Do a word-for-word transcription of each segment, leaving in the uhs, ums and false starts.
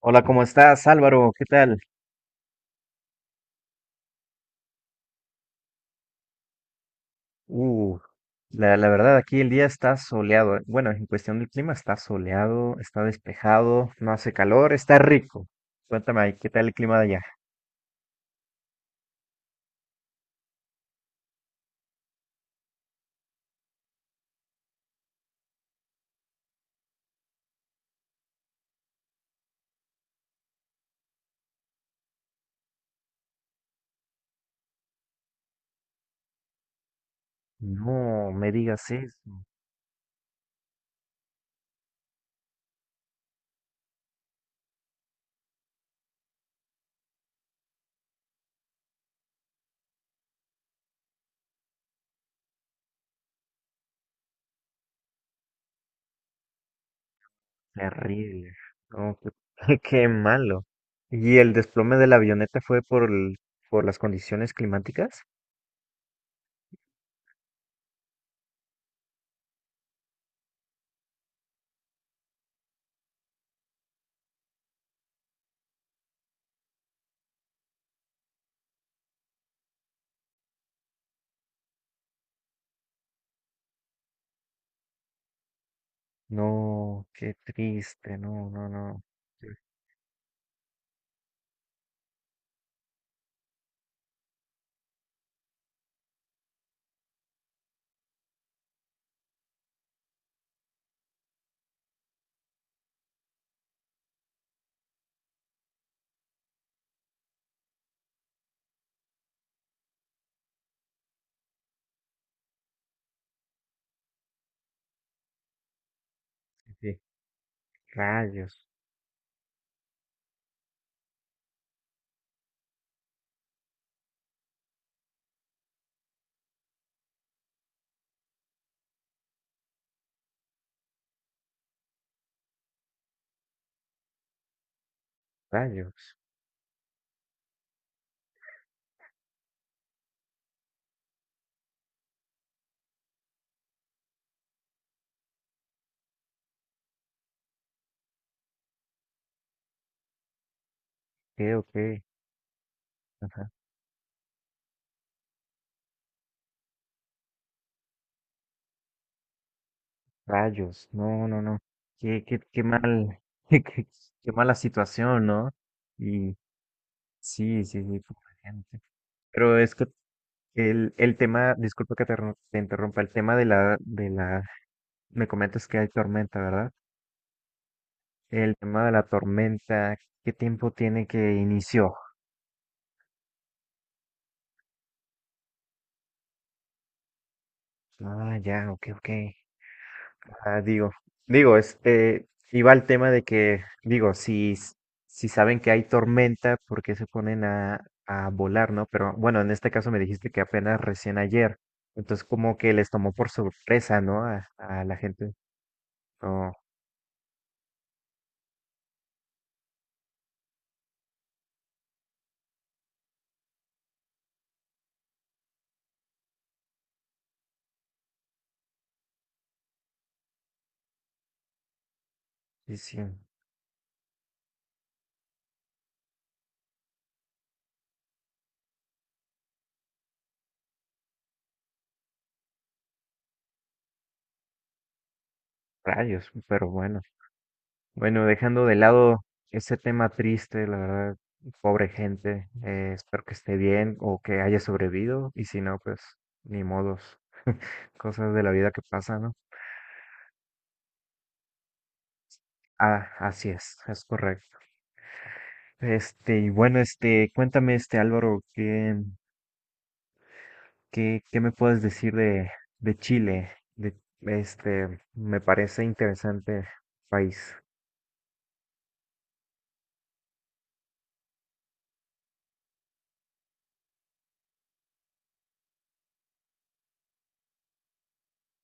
Hola, ¿cómo estás, Álvaro? ¿Qué tal? Uh, la, la verdad, aquí el día está soleado. eh, Bueno, en cuestión del clima está soleado, está despejado, no hace calor, está rico. Cuéntame ahí, ¿qué tal el clima de allá? No me digas eso, terrible. No, qué, qué malo. ¿Y el desplome de la avioneta fue por, el- por las condiciones climáticas? No, qué triste, no, no, no. Sí, sí, sí. Rayos, rayos. Ok, ok. Rayos, no, no, no. Qué, qué, qué mal, qué, qué- qué mala situación, ¿no? Y sí, sí, sí, completamente. Pero es que el, el tema, disculpa que te, ro- te interrumpa, el tema de la, de la, me comentas que hay tormenta, ¿verdad? El tema de la tormenta, ¿qué tiempo tiene que inició? Ah, ya, ok, ok. Ah, digo, digo, este, iba al tema de que, digo, si, s- si saben que hay tormenta, ¿por qué se ponen a, a volar, no? Pero bueno, en este caso me dijiste que apenas recién ayer, entonces como que les tomó por sorpresa, ¿no? A, a la gente. No, sí, sí, rayos, pero bueno. Bueno, dejando de lado ese tema triste, la verdad, pobre gente, eh, espero que esté bien o que haya sobrevivido, y si no, pues ni modos, cosas de la vida que pasan, ¿no? Ah, así es, es correcto. Este, y bueno, este, cuéntame, este Álvaro, ¿qué, qué, qué me puedes decir de, de Chile? De, este, me parece interesante país.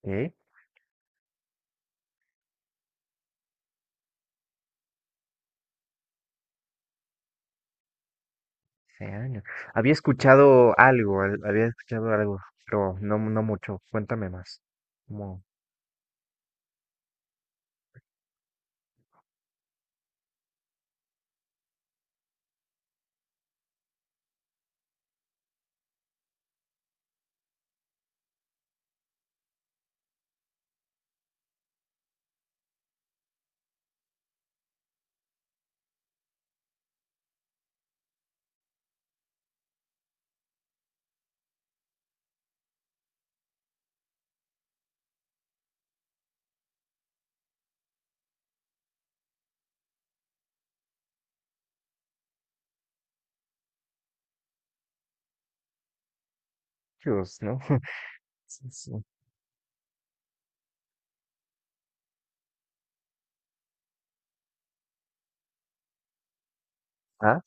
¿Eh? Hace años. Había escuchado algo, al- había escuchado algo, pero no, no mucho. Cuéntame más. Como, Dios, ¿no? Sí, sí. Ah,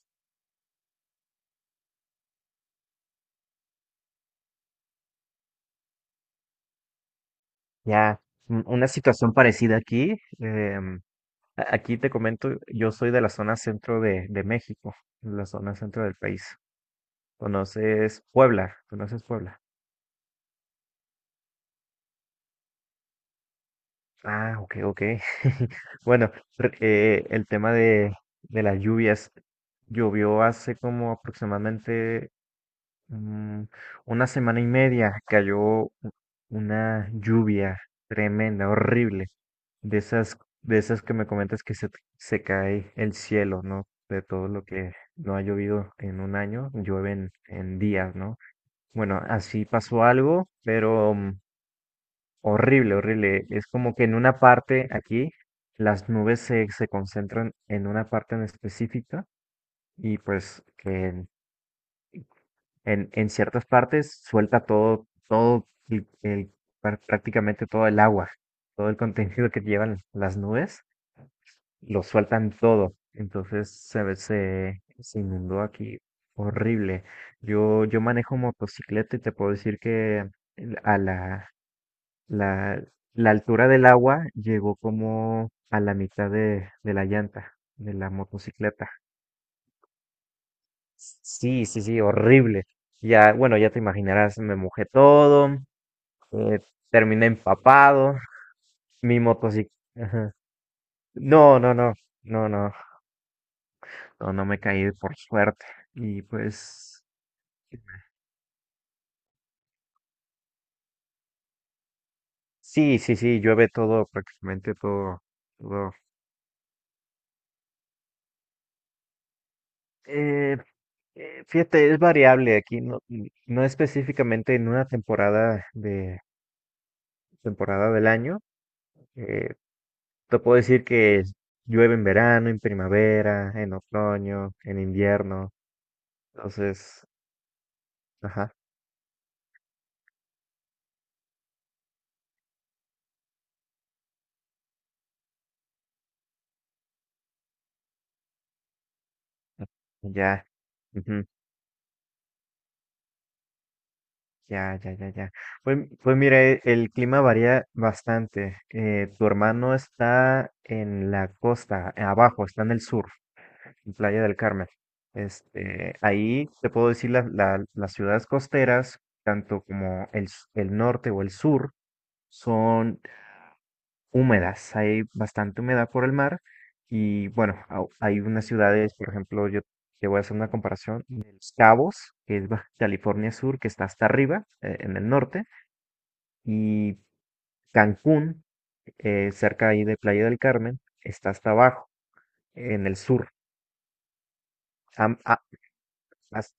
ya. un- Una situación parecida aquí. em, A- Aquí te comento, yo soy de la zona centro de, de México, la zona centro del país. ¿Conoces Puebla? ¿Conoces Puebla? Ah, ok, ok. Bueno, re- eh, el tema de, de las lluvias, llovió hace como aproximadamente mm, una semana y media cayó u- una lluvia tremenda, horrible, de esas, de esas que me comentas que se, se cae el cielo, ¿no? De todo lo que no ha llovido en un año, llueve en, en días, ¿no? Bueno, así pasó algo, pero mm, horrible, horrible. Es como que en una parte aquí, las nubes se, se concentran en una parte en específica y pues que en, en ciertas partes suelta todo, todo el, el- prá- prácticamente todo el agua, todo el contenido que llevan las nubes, lo sueltan todo. Entonces se, ve- se, se inundó aquí horrible. Yo, yo manejo motocicleta y te puedo decir que el- a la, la, la altura del agua llegó como a la mitad de, de la llanta de la motocicleta. Sí, sí, sí, horrible. Ya, bueno, ya te imaginarás, me mojé todo, eh, terminé empapado, mi motocicleta. No, no, no, no, no, no, no me caí por suerte. Y pues, sí, sí, sí, llueve todo, prácticamente todo, todo. Eh, eh, fíjate, es variable aquí, no, n- no específicamente en una temporada de temporada del año. Eh, te puedo decir que llueve en verano, en primavera, en otoño, en invierno. Entonces, ajá, ya. Ya, ya, ya, ya. Pues, pues mira, e- el clima varía bastante. Eh, tu hermano está en la costa, eh, abajo, está en el sur, en Playa del Carmen. Este, ahí te puedo decir la- la- las ciudades costeras, tanto como el, s- el norte o el sur, son húmedas. Hay bastante humedad por el mar. Y bueno, au- hay unas ciudades, por ejemplo, yo te voy a hacer una comparación de Los Cabos, que es Baja California Sur, que está hasta arriba, eh, en el norte y Cancún, eh, cerca ahí de Playa del Carmen, está hasta abajo, en el sur. Am- a- as-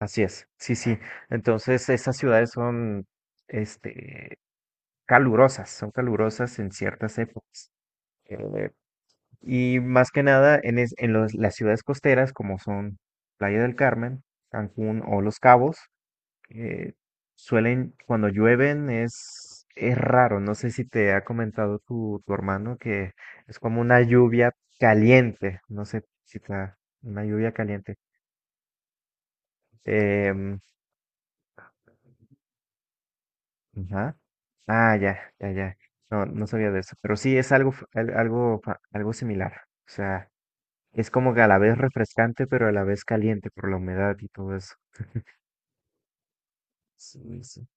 así es, sí, sí. Entonces esas ciudades son, este, calurosas, son calurosas en ciertas épocas. Eh, y más que nada en, es- en los- las ciudades costeras, como son Playa del Carmen, Cancún o Los Cabos, eh, suelen, cuando llueven es, es raro. No sé si te ha comentado tu, tu hermano que es como una lluvia caliente. No sé si te ha- una lluvia caliente. Em, ajá. Ah, ya, ya, ya. No, no sabía de eso. Pero sí es algo, f- al- algo, fa- algo similar. O sea, es como que a la vez refrescante, pero a la vez caliente por la humedad y todo eso. Sí, sí.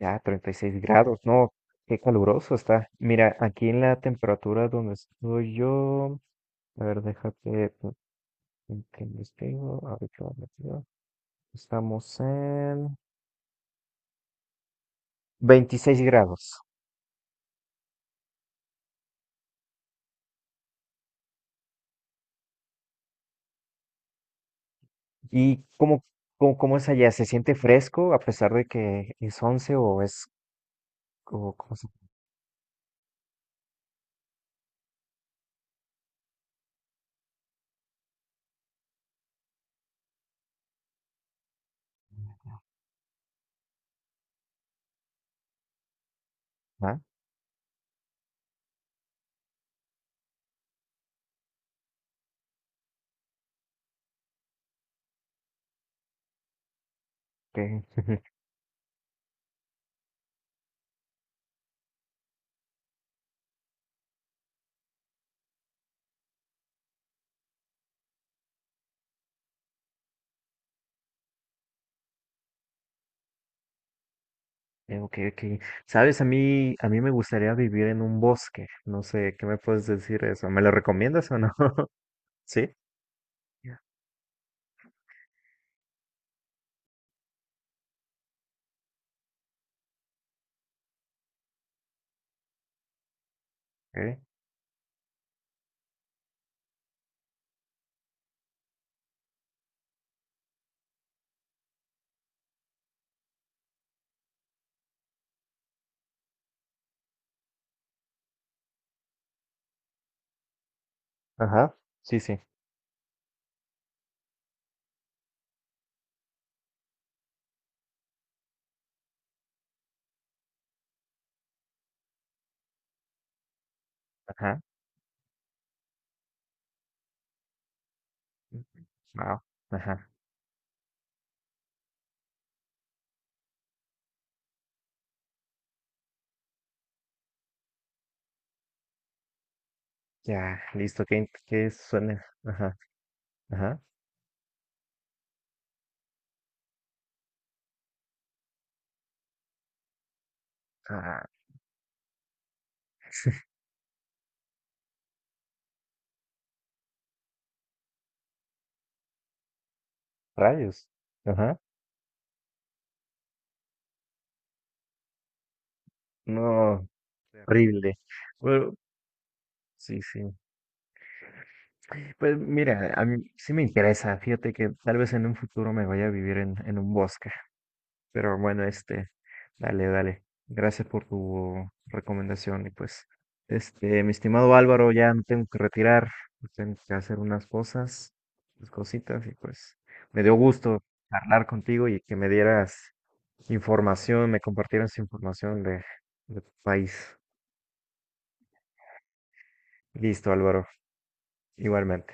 Ya, treinta y seis grados, no, qué caluroso está. Mira, aquí en la temperatura donde estoy yo, a ver, déjate pues, que investigo, a ver qué va metido. Estamos en veintiséis grados. ¿Y cómo, cómo, cómo es allá? ¿Se siente fresco a pesar de que es once o es, o cómo se llama? Que- Eh, Ok, ok. Sabes, a mí, a mí me gustaría vivir en un bosque. No sé, ¿qué me puedes decir de eso? ¿Me lo recomiendas o no? Sí. Ok. Ajá, sí, sí, ajá. Wow. Ajá. Ya, listo. ¿Qué, in- qué suena? Ajá. Ajá. Ah, rayos. Ajá. No, terrible. Bueno, sí, sí. Pues mira, a mí sí me interesa. Fíjate que tal vez en un futuro me vaya a vivir en, en un bosque. Pero bueno, este, dale, dale. Gracias por tu recomendación. Y pues, este, mi estimado Álvaro, ya me tengo que retirar, tengo que hacer unas cosas, unas cositas, y pues me dio gusto hablar contigo y que me dieras información, me compartieras información de, de tu país. Listo, Álvaro, igualmente.